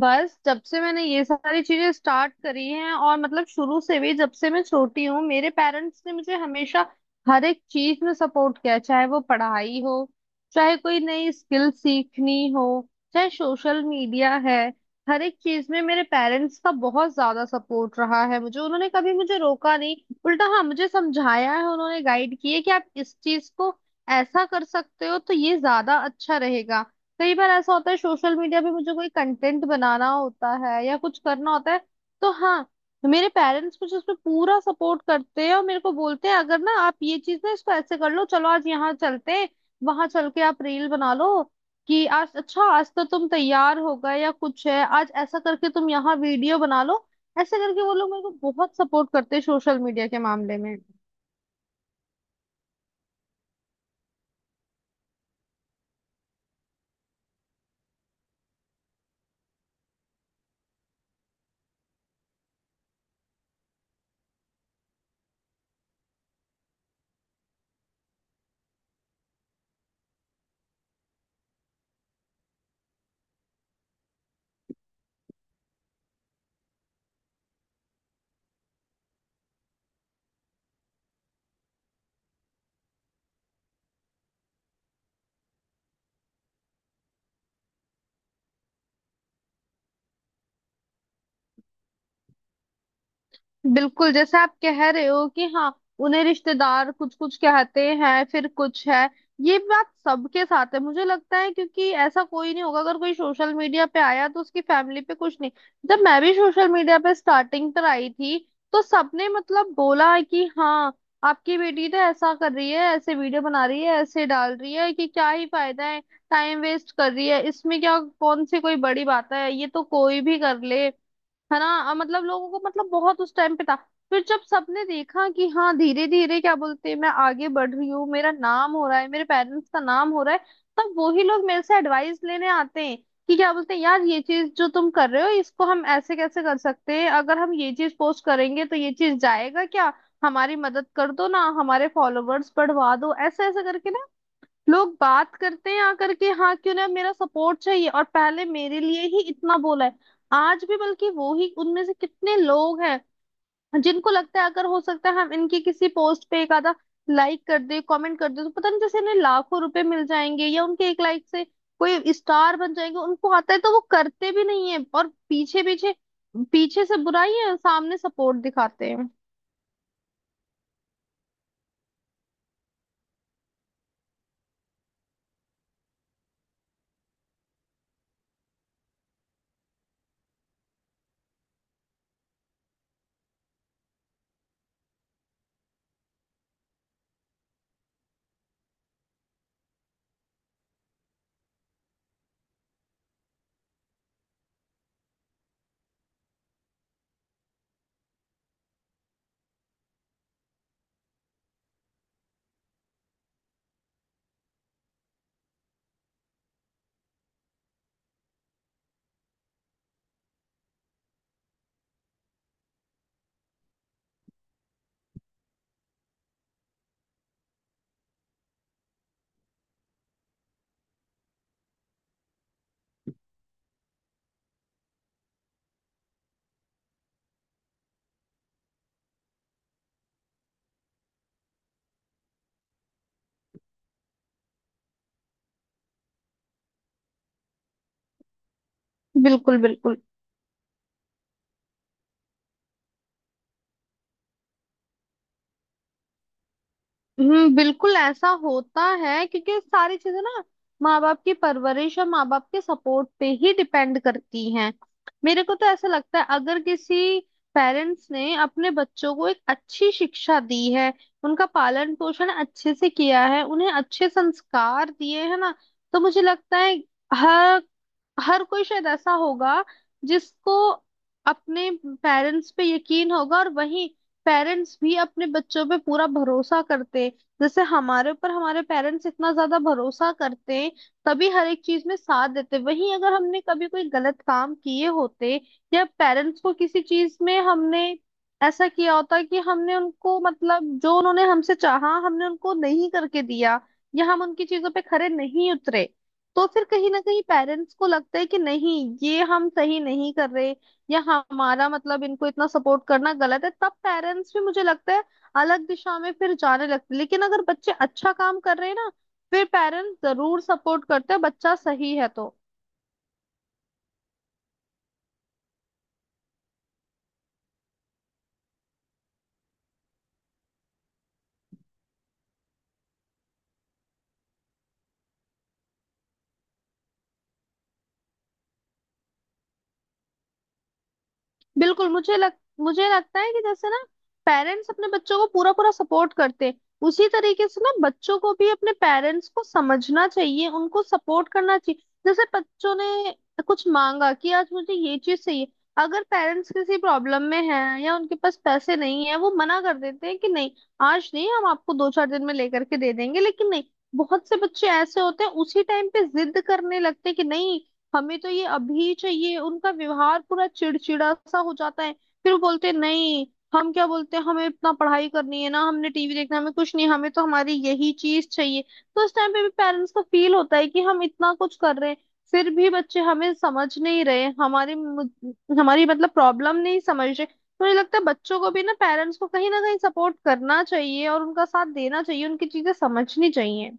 बस जब से मैंने ये सारी चीजें स्टार्ट करी हैं और मतलब शुरू से भी जब से मैं छोटी हूँ, मेरे पेरेंट्स ने मुझे हमेशा हर एक चीज में सपोर्ट किया। चाहे वो पढ़ाई हो, चाहे कोई नई स्किल सीखनी हो, चाहे सोशल मीडिया है, हर एक चीज में मेरे पेरेंट्स का बहुत ज्यादा सपोर्ट रहा है। मुझे उन्होंने कभी मुझे रोका नहीं। उल्टा हाँ, मुझे समझाया है उन्होंने, गाइड किए कि आप इस चीज को ऐसा कर सकते हो तो ये ज्यादा अच्छा रहेगा। कई बार ऐसा होता है सोशल मीडिया पे मुझे कोई कंटेंट बनाना होता है या कुछ करना होता है, तो हाँ, मेरे पेरेंट्स मुझे उसमें पूरा सपोर्ट करते हैं और मेरे को बोलते हैं, अगर ना आप ये चीज ना इसको ऐसे कर लो, चलो आज यहाँ चलते हैं, वहां चल के आप रील बना लो। कि आज अच्छा, आज तो तुम तैयार हो गए या कुछ है, आज ऐसा करके तुम यहाँ वीडियो बना लो। ऐसे करके वो लोग मेरे को बहुत सपोर्ट करते हैं सोशल मीडिया के मामले में। बिल्कुल जैसे आप कह रहे हो कि हाँ, उन्हें रिश्तेदार कुछ कुछ कहते हैं, फिर कुछ है। ये बात सबके साथ है मुझे लगता है, क्योंकि ऐसा कोई नहीं होगा, अगर कोई सोशल मीडिया पे आया तो उसकी फैमिली पे कुछ नहीं। जब मैं भी सोशल मीडिया पे स्टार्टिंग पर आई थी, तो सबने मतलब बोला है कि हाँ, आपकी बेटी तो ऐसा कर रही है, ऐसे वीडियो बना रही है, ऐसे डाल रही है, कि क्या ही फायदा है, टाइम वेस्ट कर रही है, इसमें क्या, कौन सी कोई बड़ी बात है, ये तो कोई भी कर ले। है ना, मतलब लोगों को मतलब बहुत उस टाइम पे था। फिर जब सबने देखा कि हाँ, धीरे धीरे क्या बोलते हैं, मैं आगे बढ़ रही हूँ, मेरा नाम हो रहा है, मेरे पेरेंट्स का नाम हो रहा है, तब वही लोग मेरे से एडवाइस लेने आते हैं कि क्या बोलते हैं यार, ये चीज जो तुम कर रहे हो इसको हम ऐसे कैसे कर सकते हैं, अगर हम ये चीज पोस्ट करेंगे तो ये चीज जाएगा क्या, हमारी मदद कर दो ना, हमारे फॉलोवर्स बढ़वा दो, ऐसे ऐसे करके ना लोग बात करते हैं आकर के। हाँ, क्यों ना, मेरा सपोर्ट चाहिए और पहले मेरे लिए ही इतना बोला है। आज भी बल्कि वो ही उनमें से कितने लोग हैं जिनको लगता है अगर हो सकता है हम इनकी किसी पोस्ट पे एक आधा लाइक कर दे, कमेंट कर दे, तो पता नहीं जैसे इन्हें लाखों रुपए मिल जाएंगे या उनके एक लाइक से कोई स्टार बन जाएंगे। उनको आता है तो वो करते भी नहीं है और पीछे पीछे, पीछे से बुराई है, सामने सपोर्ट दिखाते हैं। बिल्कुल, बिल्कुल। हम्म, बिल्कुल ऐसा होता है क्योंकि सारी चीजें ना माँ बाप की परवरिश और माँ बाप के सपोर्ट पे ही डिपेंड करती हैं। मेरे को तो ऐसा लगता है अगर किसी पेरेंट्स ने अपने बच्चों को एक अच्छी शिक्षा दी है, उनका पालन पोषण अच्छे से किया है, उन्हें अच्छे संस्कार दिए है ना, तो मुझे लगता है हर हर कोई शायद ऐसा होगा जिसको अपने पेरेंट्स पे यकीन होगा, और वही पेरेंट्स भी अपने बच्चों पे पूरा भरोसा करते हैं। जैसे हमारे ऊपर हमारे पेरेंट्स इतना ज्यादा भरोसा करते हैं तभी हर एक चीज में साथ देते हैं। वहीं अगर हमने कभी कोई गलत काम किए होते या पेरेंट्स को किसी चीज में हमने ऐसा किया होता कि हमने उनको मतलब जो उन्होंने हमसे चाहा हमने उनको नहीं करके दिया, या हम उनकी चीजों पे खरे नहीं उतरे, तो फिर कहीं ना कहीं पेरेंट्स को लगता है कि नहीं, ये हम सही नहीं कर रहे, या हमारा मतलब इनको इतना सपोर्ट करना गलत है, तब पेरेंट्स भी मुझे लगता है अलग दिशा में फिर जाने लगते हैं। लेकिन अगर बच्चे अच्छा काम कर रहे हैं ना, फिर पेरेंट्स जरूर सपोर्ट करते हैं, बच्चा सही है तो। बिल्कुल मुझे लग मुझे लगता है कि जैसे ना पेरेंट्स अपने बच्चों को पूरा पूरा सपोर्ट करते हैं, उसी तरीके से ना बच्चों को भी अपने पेरेंट्स को समझना चाहिए, उनको सपोर्ट करना चाहिए। जैसे बच्चों ने कुछ मांगा कि आज मुझे ये चीज चाहिए, अगर पेरेंट्स किसी प्रॉब्लम में हैं या उनके पास पैसे नहीं है, वो मना कर देते हैं कि नहीं, आज नहीं, हम आपको दो चार दिन में लेकर के दे देंगे, लेकिन नहीं, बहुत से बच्चे ऐसे होते हैं उसी टाइम पे जिद करने लगते हैं कि नहीं, हमें तो ये अभी चाहिए। उनका व्यवहार पूरा चिड़चिड़ा सा हो जाता है, फिर वो बोलते हैं, नहीं, हम क्या बोलते हैं, हमें इतना पढ़ाई करनी है ना, हमने टीवी देखना है, हमें कुछ नहीं, हमें तो हमारी यही चीज चाहिए। तो उस टाइम पे भी पेरेंट्स को फील होता है कि हम इतना कुछ कर रहे हैं, फिर भी बच्चे हमें समझ नहीं रहे, हमारी मतलब प्रॉब्लम नहीं समझ रहे। तो मुझे लगता है बच्चों को भी ना पेरेंट्स को कहीं ना कहीं सपोर्ट करना चाहिए और उनका साथ देना चाहिए, उनकी चीजें समझनी चाहिए।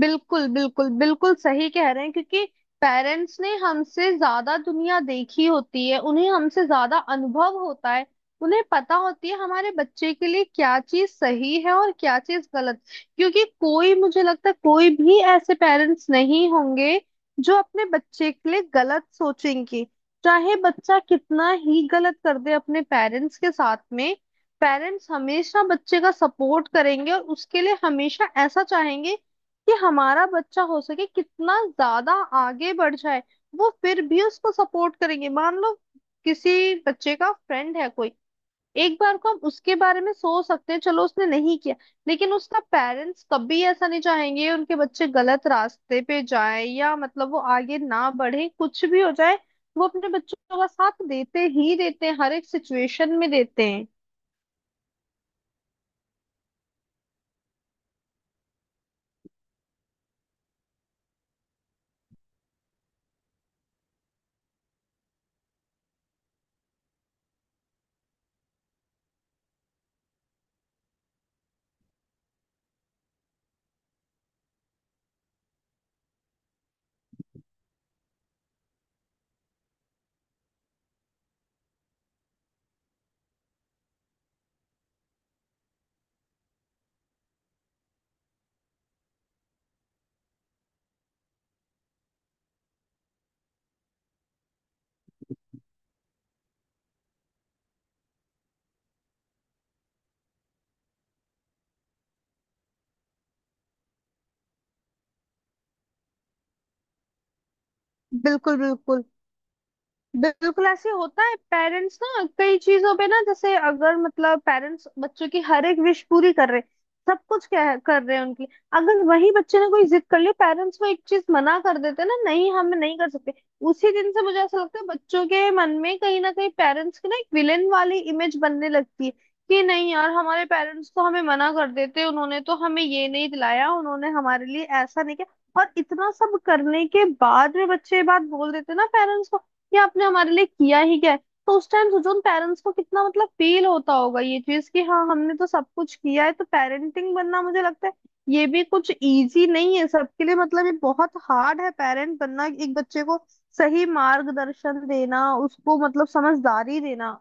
बिल्कुल, बिल्कुल, बिल्कुल सही कह रहे हैं, क्योंकि पेरेंट्स ने हमसे ज्यादा दुनिया देखी होती है, उन्हें हमसे ज्यादा अनुभव होता है, उन्हें पता होती है हमारे बच्चे के लिए क्या चीज सही है और क्या चीज गलत। क्योंकि कोई, मुझे लगता है कोई भी ऐसे पेरेंट्स नहीं होंगे जो अपने बच्चे के लिए गलत सोचेंगे। चाहे बच्चा कितना ही गलत कर दे अपने पेरेंट्स के साथ में, पेरेंट्स हमेशा बच्चे का सपोर्ट करेंगे और उसके लिए हमेशा ऐसा चाहेंगे कि हमारा बच्चा हो सके कितना ज्यादा आगे बढ़ जाए। वो फिर भी उसको सपोर्ट करेंगे। मान लो किसी बच्चे का फ्रेंड है कोई, एक बार को हम उसके बारे में सोच सकते हैं, चलो उसने नहीं किया, लेकिन उसका पेरेंट्स कभी ऐसा नहीं चाहेंगे उनके बच्चे गलत रास्ते पे जाए या मतलब वो आगे ना बढ़े। कुछ भी हो जाए, वो अपने बच्चों का साथ देते ही देते हैं, हर एक सिचुएशन में देते हैं। बिल्कुल, बिल्कुल। बिल्कुल ऐसे होता है पेरेंट्स ना कई चीजों पे ना, जैसे अगर मतलब पेरेंट्स बच्चों की हर एक विश पूरी कर रहे हैं, सब कुछ कर रहे हैं उनकी, अगर वही बच्चे ने कोई जिद कर ली, पेरेंट्स वो एक चीज मना कर देते हैं ना, नहीं हम नहीं कर सकते, उसी दिन से मुझे ऐसा लगता है बच्चों के मन में कहीं ना कहीं पेरेंट्स की ना एक विलेन वाली इमेज बनने लगती है कि नहीं यार, हमारे पेरेंट्स तो हमें मना कर देते, उन्होंने तो हमें ये नहीं दिलाया, उन्होंने हमारे लिए ऐसा नहीं किया। और इतना सब करने के बाद में बच्चे ये बात बोल देते हैं ना पेरेंट्स को, ये आपने हमारे लिए किया ही क्या है। तो उस टाइम सोचो उन पेरेंट्स को कितना मतलब फील होता होगा ये चीज कि हाँ, हमने तो सब कुछ किया है। तो पेरेंटिंग बनना, मुझे लगता है ये भी कुछ इजी नहीं है सबके लिए, मतलब ये बहुत हार्ड है पेरेंट बनना, एक बच्चे को सही मार्गदर्शन देना, उसको मतलब समझदारी देना।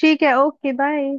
ठीक है, ओके, बाय।